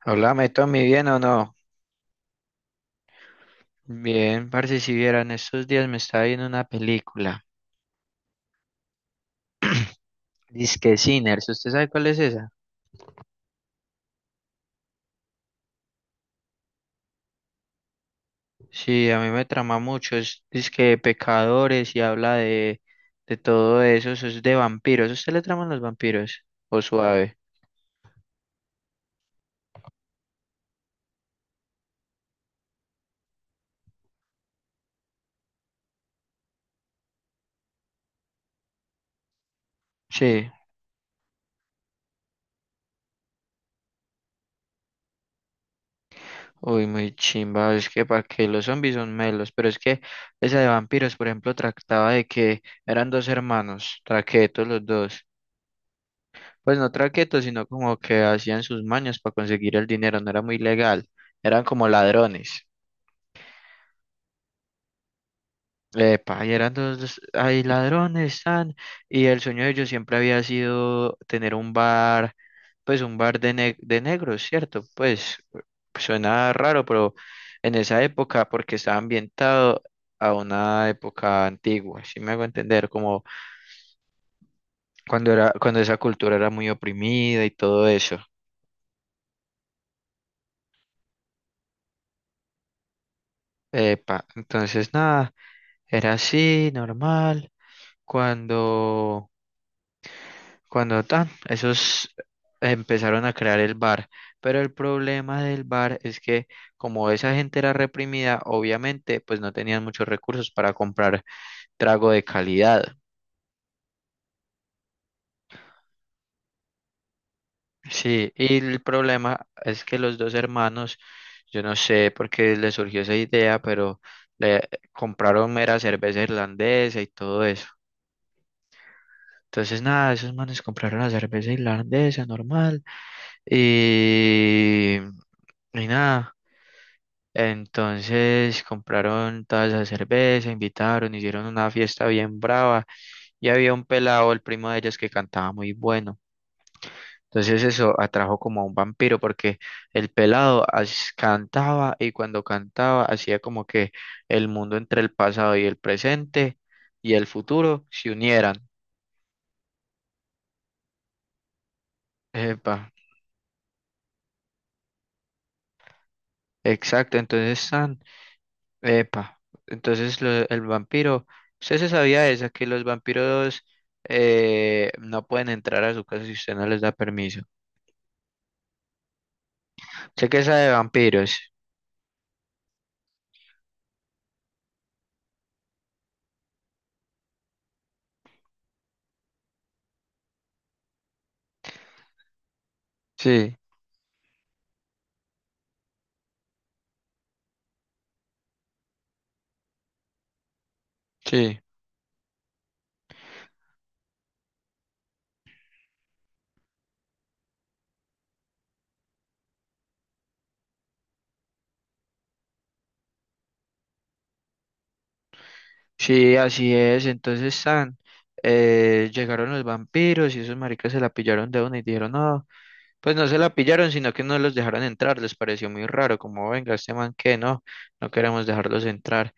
Háblame, Tommy, ¿bien o no? Bien, parce, si vieran, estos días me estaba viendo una película. Disque Sinners, ¿usted sabe cuál es esa? Sí, a mí me trama mucho, es disque pecadores y habla de todo eso, eso es de vampiros. ¿A ¿Usted le traman los vampiros? ¿O suave? Sí, uy, muy chimba, es que para que los zombies son melos, pero es que esa de vampiros, por ejemplo, trataba de que eran dos hermanos, traquetos los dos. Pues no traquetos, sino como que hacían sus mañas para conseguir el dinero, no era muy legal, eran como ladrones. Epa, y eran dos, hay ladrones, tan, y el sueño de ellos siempre había sido tener un bar, pues un bar de negros, ¿cierto? Pues suena raro, pero en esa época, porque estaba ambientado a una época antigua, si me hago entender, como cuando esa cultura era muy oprimida y todo eso. Epa, entonces nada. Era así, normal. Cuando, cuando tan, esos empezaron a crear el bar. Pero el problema del bar es que como esa gente era reprimida, obviamente, pues no tenían muchos recursos para comprar trago de calidad. Sí, y el problema es que los dos hermanos, yo no sé por qué les surgió esa idea, pero le compraron mera cerveza irlandesa y todo eso. Entonces, nada, esos manes compraron la cerveza irlandesa normal. Y, y nada, entonces compraron toda esa cerveza, invitaron, hicieron una fiesta bien brava y había un pelado, el primo de ellos, que cantaba muy bueno. Entonces eso atrajo como a un vampiro porque el pelado cantaba, y cuando cantaba hacía como que el mundo entre el pasado y el presente y el futuro se unieran. Epa, exacto. entonces... tan, Epa, entonces lo- El vampiro, usted se sabía esa, que los vampiros no pueden entrar a su casa si usted no les da permiso. Sé que esa de vampiros. Sí, sí. Sí, así es. Llegaron los vampiros y esos maricas se la pillaron de una y dijeron, no, pues no se la pillaron, sino que no los dejaron entrar. Les pareció muy raro, como, venga, este man que no, no queremos dejarlos entrar.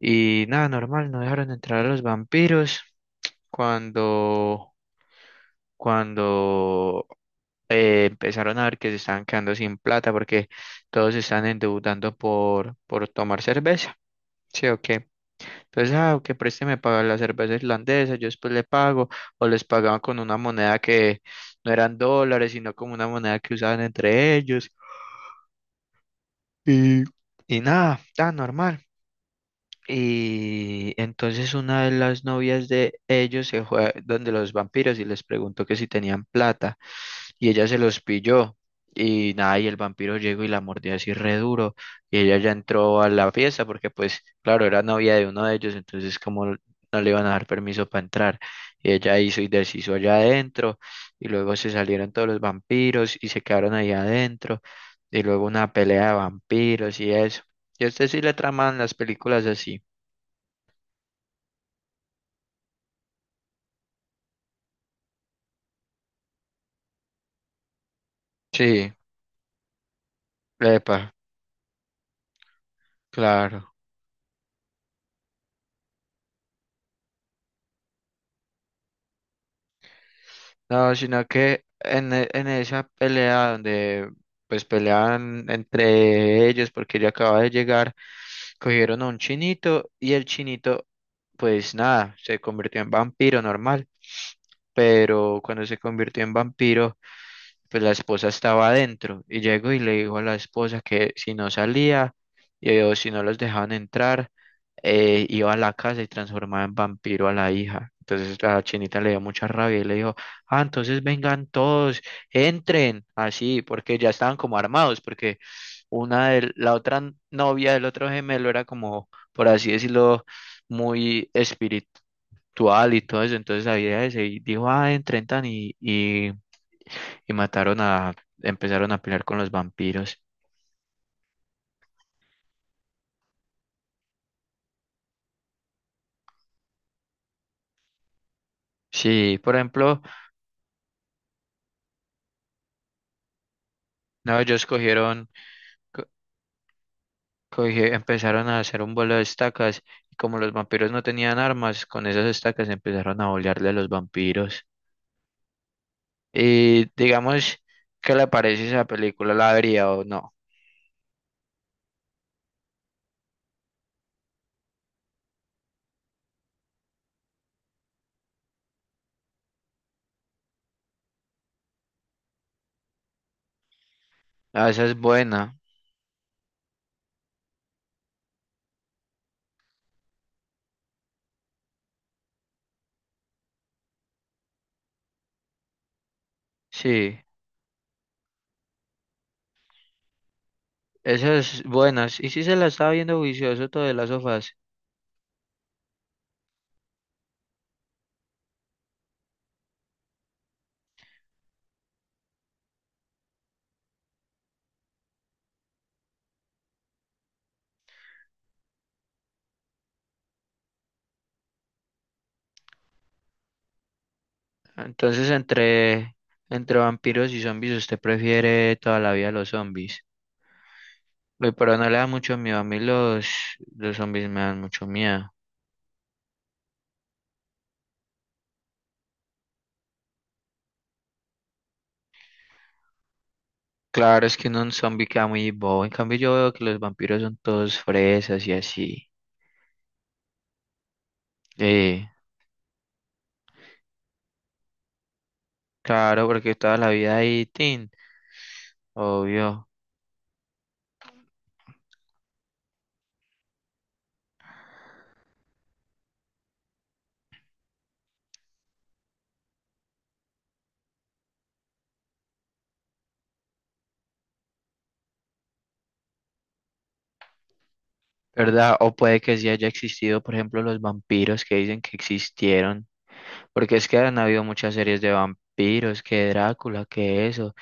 Y nada, normal, no dejaron entrar a los vampiros cuando... cuando empezaron a ver que se estaban quedando sin plata porque todos se están endeudando por tomar cerveza. Sí, ok. Entonces, ah, que présteme para la cerveza irlandesa, yo después le pago, o les pagaban con una moneda que no eran dólares, sino como una moneda que usaban entre ellos. Y, y nada, tan normal. Y entonces una de las novias de ellos se fue donde los vampiros y les preguntó que si tenían plata. Y ella se los pilló. Y nada, y el vampiro llegó y la mordió así re duro. Y ella ya entró a la fiesta porque pues, claro, era novia de uno de ellos, entonces como no le iban a dar permiso para entrar. Y ella hizo y deshizo allá adentro. Y luego se salieron todos los vampiros y se quedaron ahí adentro. Y luego una pelea de vampiros y eso. Yo a usted sí le traman las películas así. Sí, epa, claro. No, sino que en esa pelea donde pues peleaban entre ellos porque ella acaba de llegar, cogieron a un chinito y el chinito pues nada, se convirtió en vampiro normal. Pero cuando se convirtió en vampiro, pues la esposa estaba adentro y llegó y le dijo a la esposa que si no salía, o si no los dejaban entrar, iba a la casa y transformaba en vampiro a la hija. Entonces la chinita le dio mucha rabia y le dijo, ah, entonces vengan todos, entren, así, porque ya estaban como armados, porque una de la otra novia del otro gemelo era como, por así decirlo, muy espiritual y todo eso, entonces había ese y dijo, ah, entren tan y mataron a, empezaron a pelear con los vampiros. Sí, por ejemplo, no, ellos co- empezaron a hacer un vuelo de estacas, y como los vampiros no tenían armas, con esas estacas empezaron a bolearle a los vampiros. Y digamos, ¿qué le parece esa película? ¿La vería o no? Ah, esa es buena, sí, esas buenas. Y sí, sí se la estaba viendo vicioso todo de las sofás. Entonces, entre vampiros y zombies, ¿usted prefiere toda la vida los zombies? Pero no le da mucho miedo. A mí los zombies me dan mucho miedo. Claro, es que uno un zombie queda muy bobo. En cambio, yo veo que los vampiros son todos fresas y así. Eh, claro, porque toda la vida hay tin, obvio. ¿Verdad? O puede que sí haya existido, por ejemplo, los vampiros que dicen que existieron. Porque es que han habido muchas series de vampiros, que Drácula, que eso.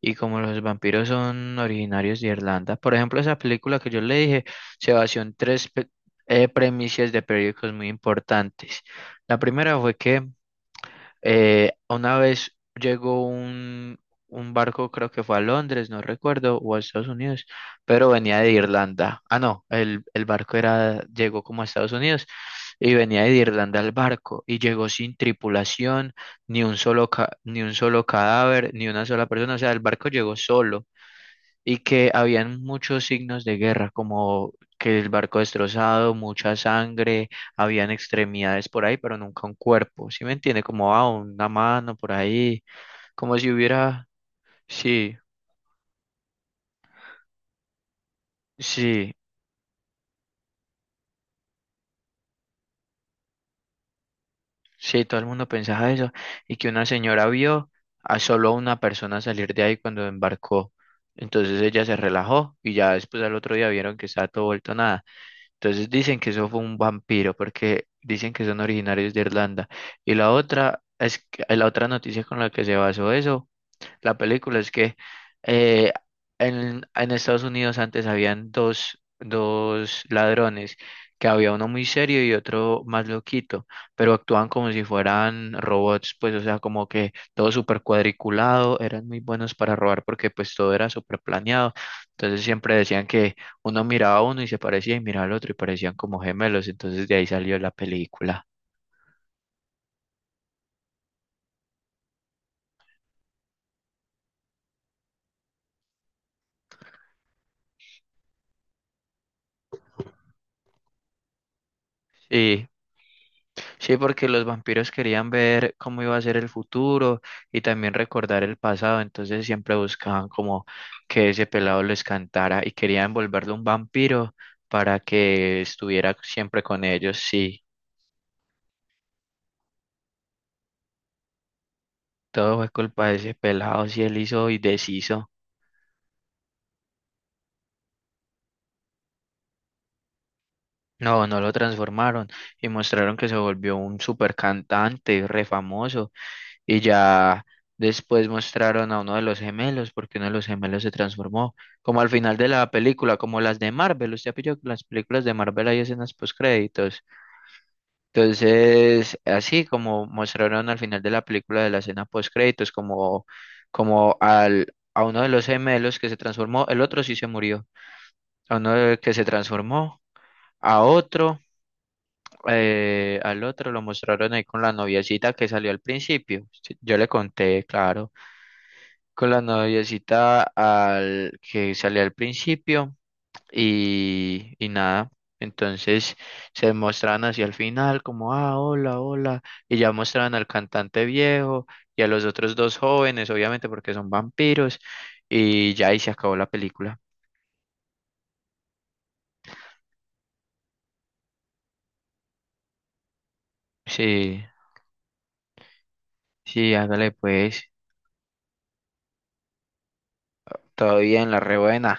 Y como los vampiros son originarios de Irlanda, por ejemplo, esa película que yo le dije se basó en tres premisas de periódicos muy importantes. La primera fue que una vez llegó un barco, creo que fue a Londres, no recuerdo, o a Estados Unidos, pero venía de Irlanda. Ah, no, el barco era, llegó como a Estados Unidos y venía de Irlanda el barco y llegó sin tripulación, ni un solo cadáver, ni una sola persona. O sea, el barco llegó solo y que habían muchos signos de guerra, como que el barco destrozado, mucha sangre, habían extremidades por ahí, pero nunca un cuerpo, ¿sí me entiende? Como ah, una mano por ahí, como si hubiera... Sí, sí, sí, todo el mundo pensaba eso, y que una señora vio a solo una persona salir de ahí cuando embarcó. Entonces ella se relajó y ya después al otro día vieron que estaba todo vuelto nada. Entonces dicen que eso fue un vampiro porque dicen que son originarios de Irlanda. Y la otra noticia con la que se basó eso la película es que eh, en Estados Unidos antes habían dos ladrones, que había uno muy serio y otro más loquito, pero actuaban como si fueran robots, pues o sea, como que todo súper cuadriculado, eran muy buenos para robar porque pues todo era súper planeado, entonces siempre decían que uno miraba a uno y se parecía y miraba al otro y parecían como gemelos, entonces de ahí salió la película. Sí. Sí, porque los vampiros querían ver cómo iba a ser el futuro y también recordar el pasado, entonces siempre buscaban como que ese pelado les cantara y querían volverlo un vampiro para que estuviera siempre con ellos. Sí, todo fue culpa de ese pelado, si él hizo y deshizo. No, no lo transformaron y mostraron que se volvió un super cantante, re famoso. Y ya después mostraron a uno de los gemelos, porque uno de los gemelos se transformó, como al final de la película, como las de Marvel. Usted pilló que las películas de Marvel hay escenas postcréditos. Entonces, así como mostraron al final de la película de la escena postcréditos, como, como al, a uno de los gemelos que se transformó, el otro sí se murió, a uno de- que se transformó, a otro. Al otro lo mostraron ahí con la noviecita que salió al principio. Sí, yo le conté, claro. Con la noviecita al que salía al principio y nada. Entonces se mostraban hacia el final como, ah, hola, hola. Y ya mostraban al cantante viejo y a los otros dos jóvenes, obviamente porque son vampiros. Y ya ahí se acabó la película. Sí, sí, hágale pues. Todavía en la rebuena.